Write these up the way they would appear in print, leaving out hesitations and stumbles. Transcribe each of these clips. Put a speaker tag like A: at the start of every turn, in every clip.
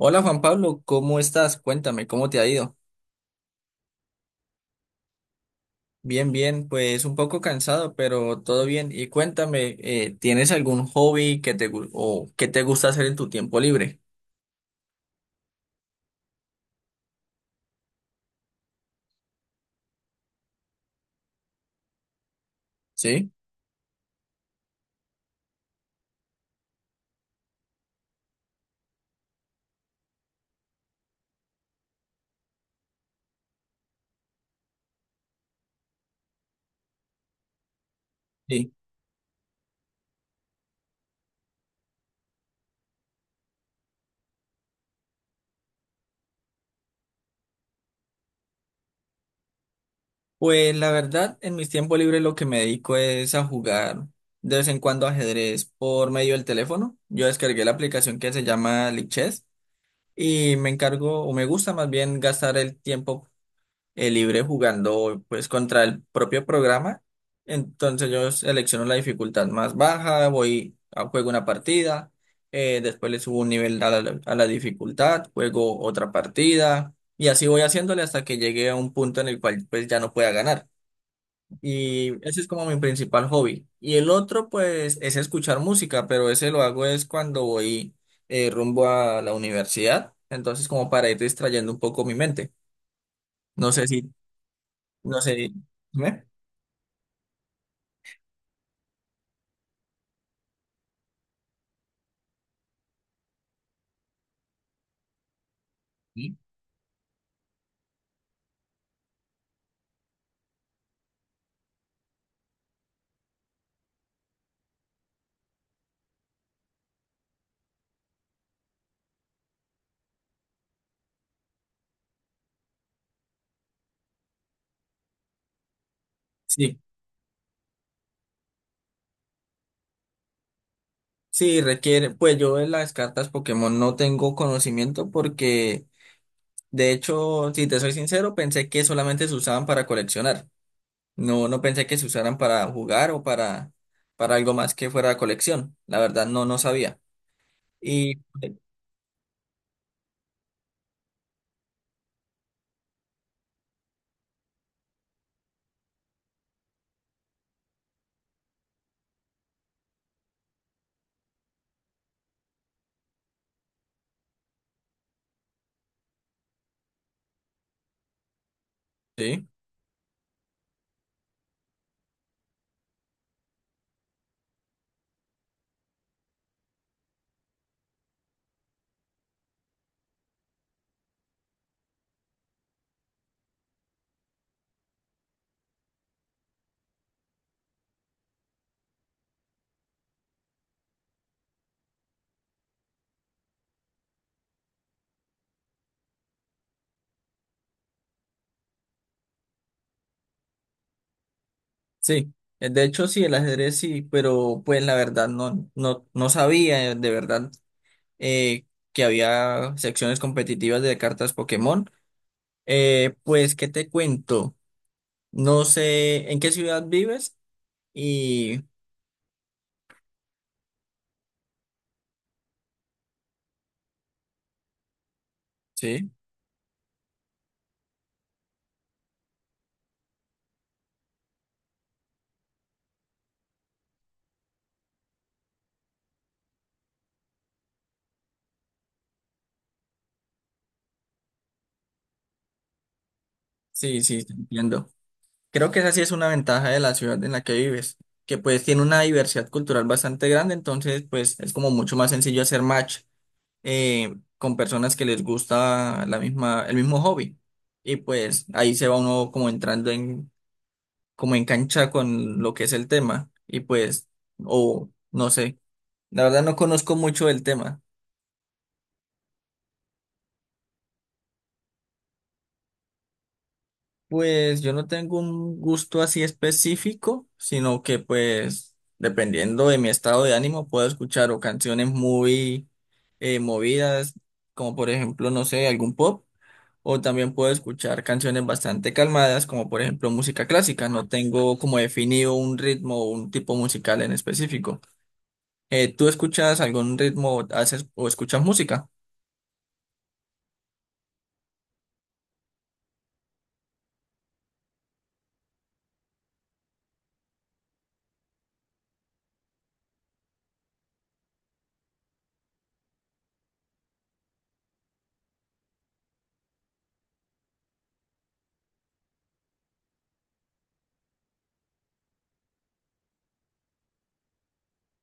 A: Hola Juan Pablo, ¿cómo estás? Cuéntame, ¿cómo te ha ido? Bien, bien, pues un poco cansado, pero todo bien. Y cuéntame, ¿tienes algún hobby que o que te gusta hacer en tu tiempo libre? ¿Sí? Sí. Pues la verdad, en mis tiempos libres lo que me dedico es a jugar de vez en cuando ajedrez por medio del teléfono. Yo descargué la aplicación que se llama Lichess y me encargo, o me gusta más bien gastar el tiempo el libre jugando pues contra el propio programa. Entonces yo selecciono la dificultad más baja, voy a juego una partida, después le subo un nivel a la dificultad, juego otra partida y así voy haciéndole hasta que llegue a un punto en el cual pues ya no pueda ganar. Y ese es como mi principal hobby. Y el otro pues es escuchar música, pero ese lo hago es cuando voy rumbo a la universidad, entonces como para ir distrayendo un poco mi mente. No sé si no sé. ¿Eh? ¿Sí? Sí, sí, requiere, pues yo de las cartas Pokémon no tengo conocimiento porque, de hecho, si te soy sincero, pensé que solamente se usaban para coleccionar. No, no pensé que se usaran para jugar o para algo más que fuera colección. La verdad, no, no sabía. Y sí, sí. De hecho, sí, el ajedrez sí, pero pues la verdad no, no, no sabía de verdad eh, que había secciones competitivas de cartas Pokémon. Pues, ¿qué te cuento? No sé en qué ciudad vives y sí, sí, sí, te entiendo. Creo que esa sí es una ventaja de la ciudad en la que vives, que pues tiene una diversidad cultural bastante grande, entonces pues es como mucho más sencillo hacer match con personas que les gusta la misma, el mismo hobby. Y pues ahí se va uno como entrando en, como en cancha con lo que es el tema. Y pues, o no sé, la verdad no conozco mucho del tema. Pues yo no tengo un gusto así específico, sino que pues dependiendo de mi estado de ánimo puedo escuchar o canciones muy movidas, como por ejemplo, no sé, algún pop, o también puedo escuchar canciones bastante calmadas, como por ejemplo música clásica. No tengo como definido un ritmo o un tipo musical en específico. ¿Tú escuchas algún ritmo, haces o escuchas música?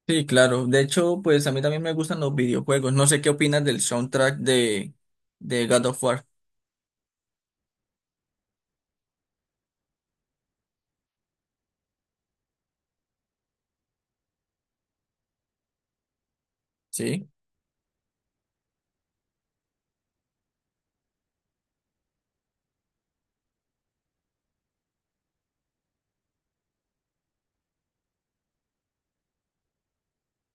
A: Sí, claro. De hecho, pues a mí también me gustan los videojuegos. No sé qué opinas del soundtrack de God of War. Sí.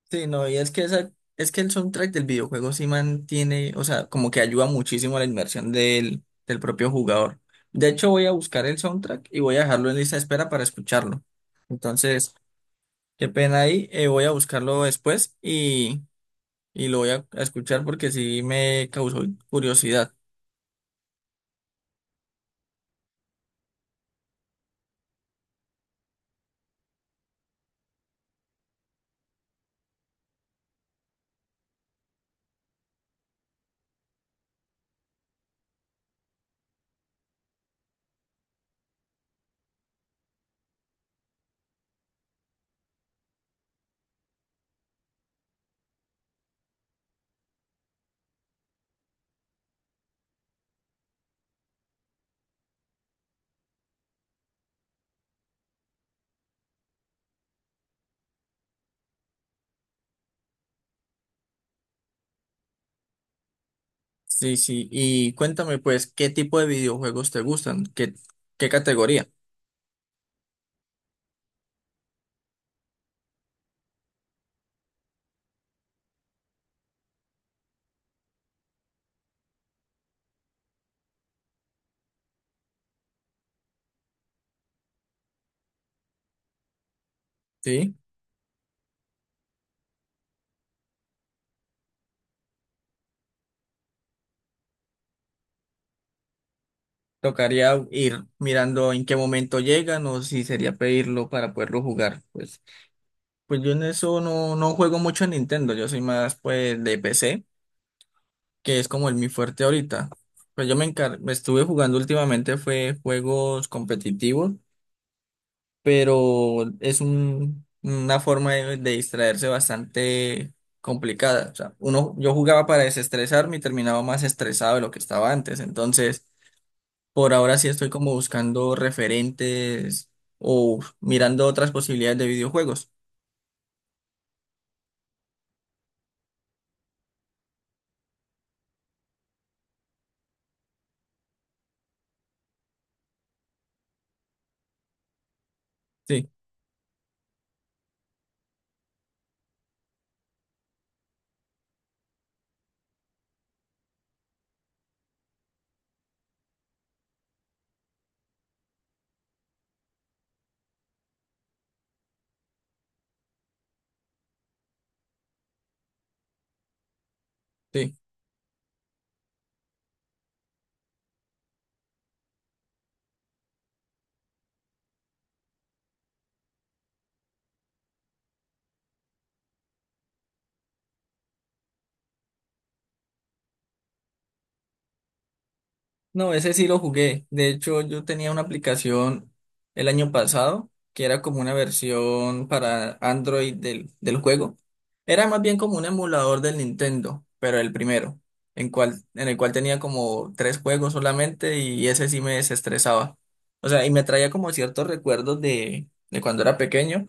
A: Sí, no, y es que esa, es que el soundtrack del videojuego sí mantiene, o sea, como que ayuda muchísimo a la inmersión del, del propio jugador. De hecho, voy a buscar el soundtrack y voy a dejarlo en lista de espera para escucharlo. Entonces, qué pena ahí. Voy a buscarlo después y lo voy a escuchar porque sí me causó curiosidad. Sí, sí. Y cuéntame, pues, ¿qué tipo de videojuegos te gustan? ¿Qué, qué categoría? Sí. Tocaría ir mirando en qué momento llegan o si sería pedirlo para poderlo jugar. Pues, pues yo en eso no, no juego mucho en Nintendo. Yo soy más, pues, de PC, que es como el mi fuerte ahorita. Pues yo me estuve jugando últimamente fue juegos competitivos, pero es una forma de distraerse bastante complicada. O sea, uno, yo jugaba para desestresarme y terminaba más estresado de lo que estaba antes. Entonces, por ahora sí estoy como buscando referentes o mirando otras posibilidades de videojuegos. Sí, sí. No, ese sí lo jugué. De hecho, yo tenía una aplicación el año pasado que era como una versión para Android del, del juego. Era más bien como un emulador del Nintendo, pero el primero, en cual, en el cual tenía como tres juegos solamente y ese sí me desestresaba. O sea, y me traía como ciertos recuerdos de cuando era pequeño,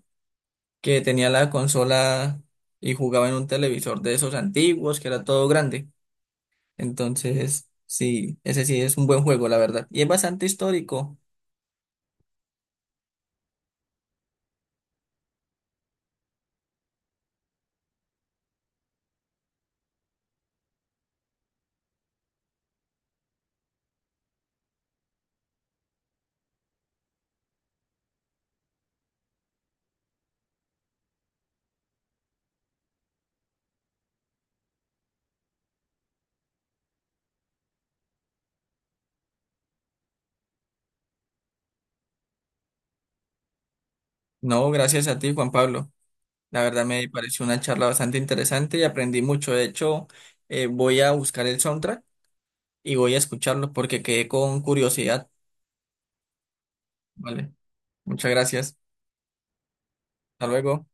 A: que tenía la consola y jugaba en un televisor de esos antiguos, que era todo grande. Entonces, sí, ese sí es un buen juego, la verdad. Y es bastante histórico. No, gracias a ti, Juan Pablo. La verdad me pareció una charla bastante interesante y aprendí mucho. De hecho, voy a buscar el soundtrack y voy a escucharlo porque quedé con curiosidad. Vale, muchas gracias. Hasta luego.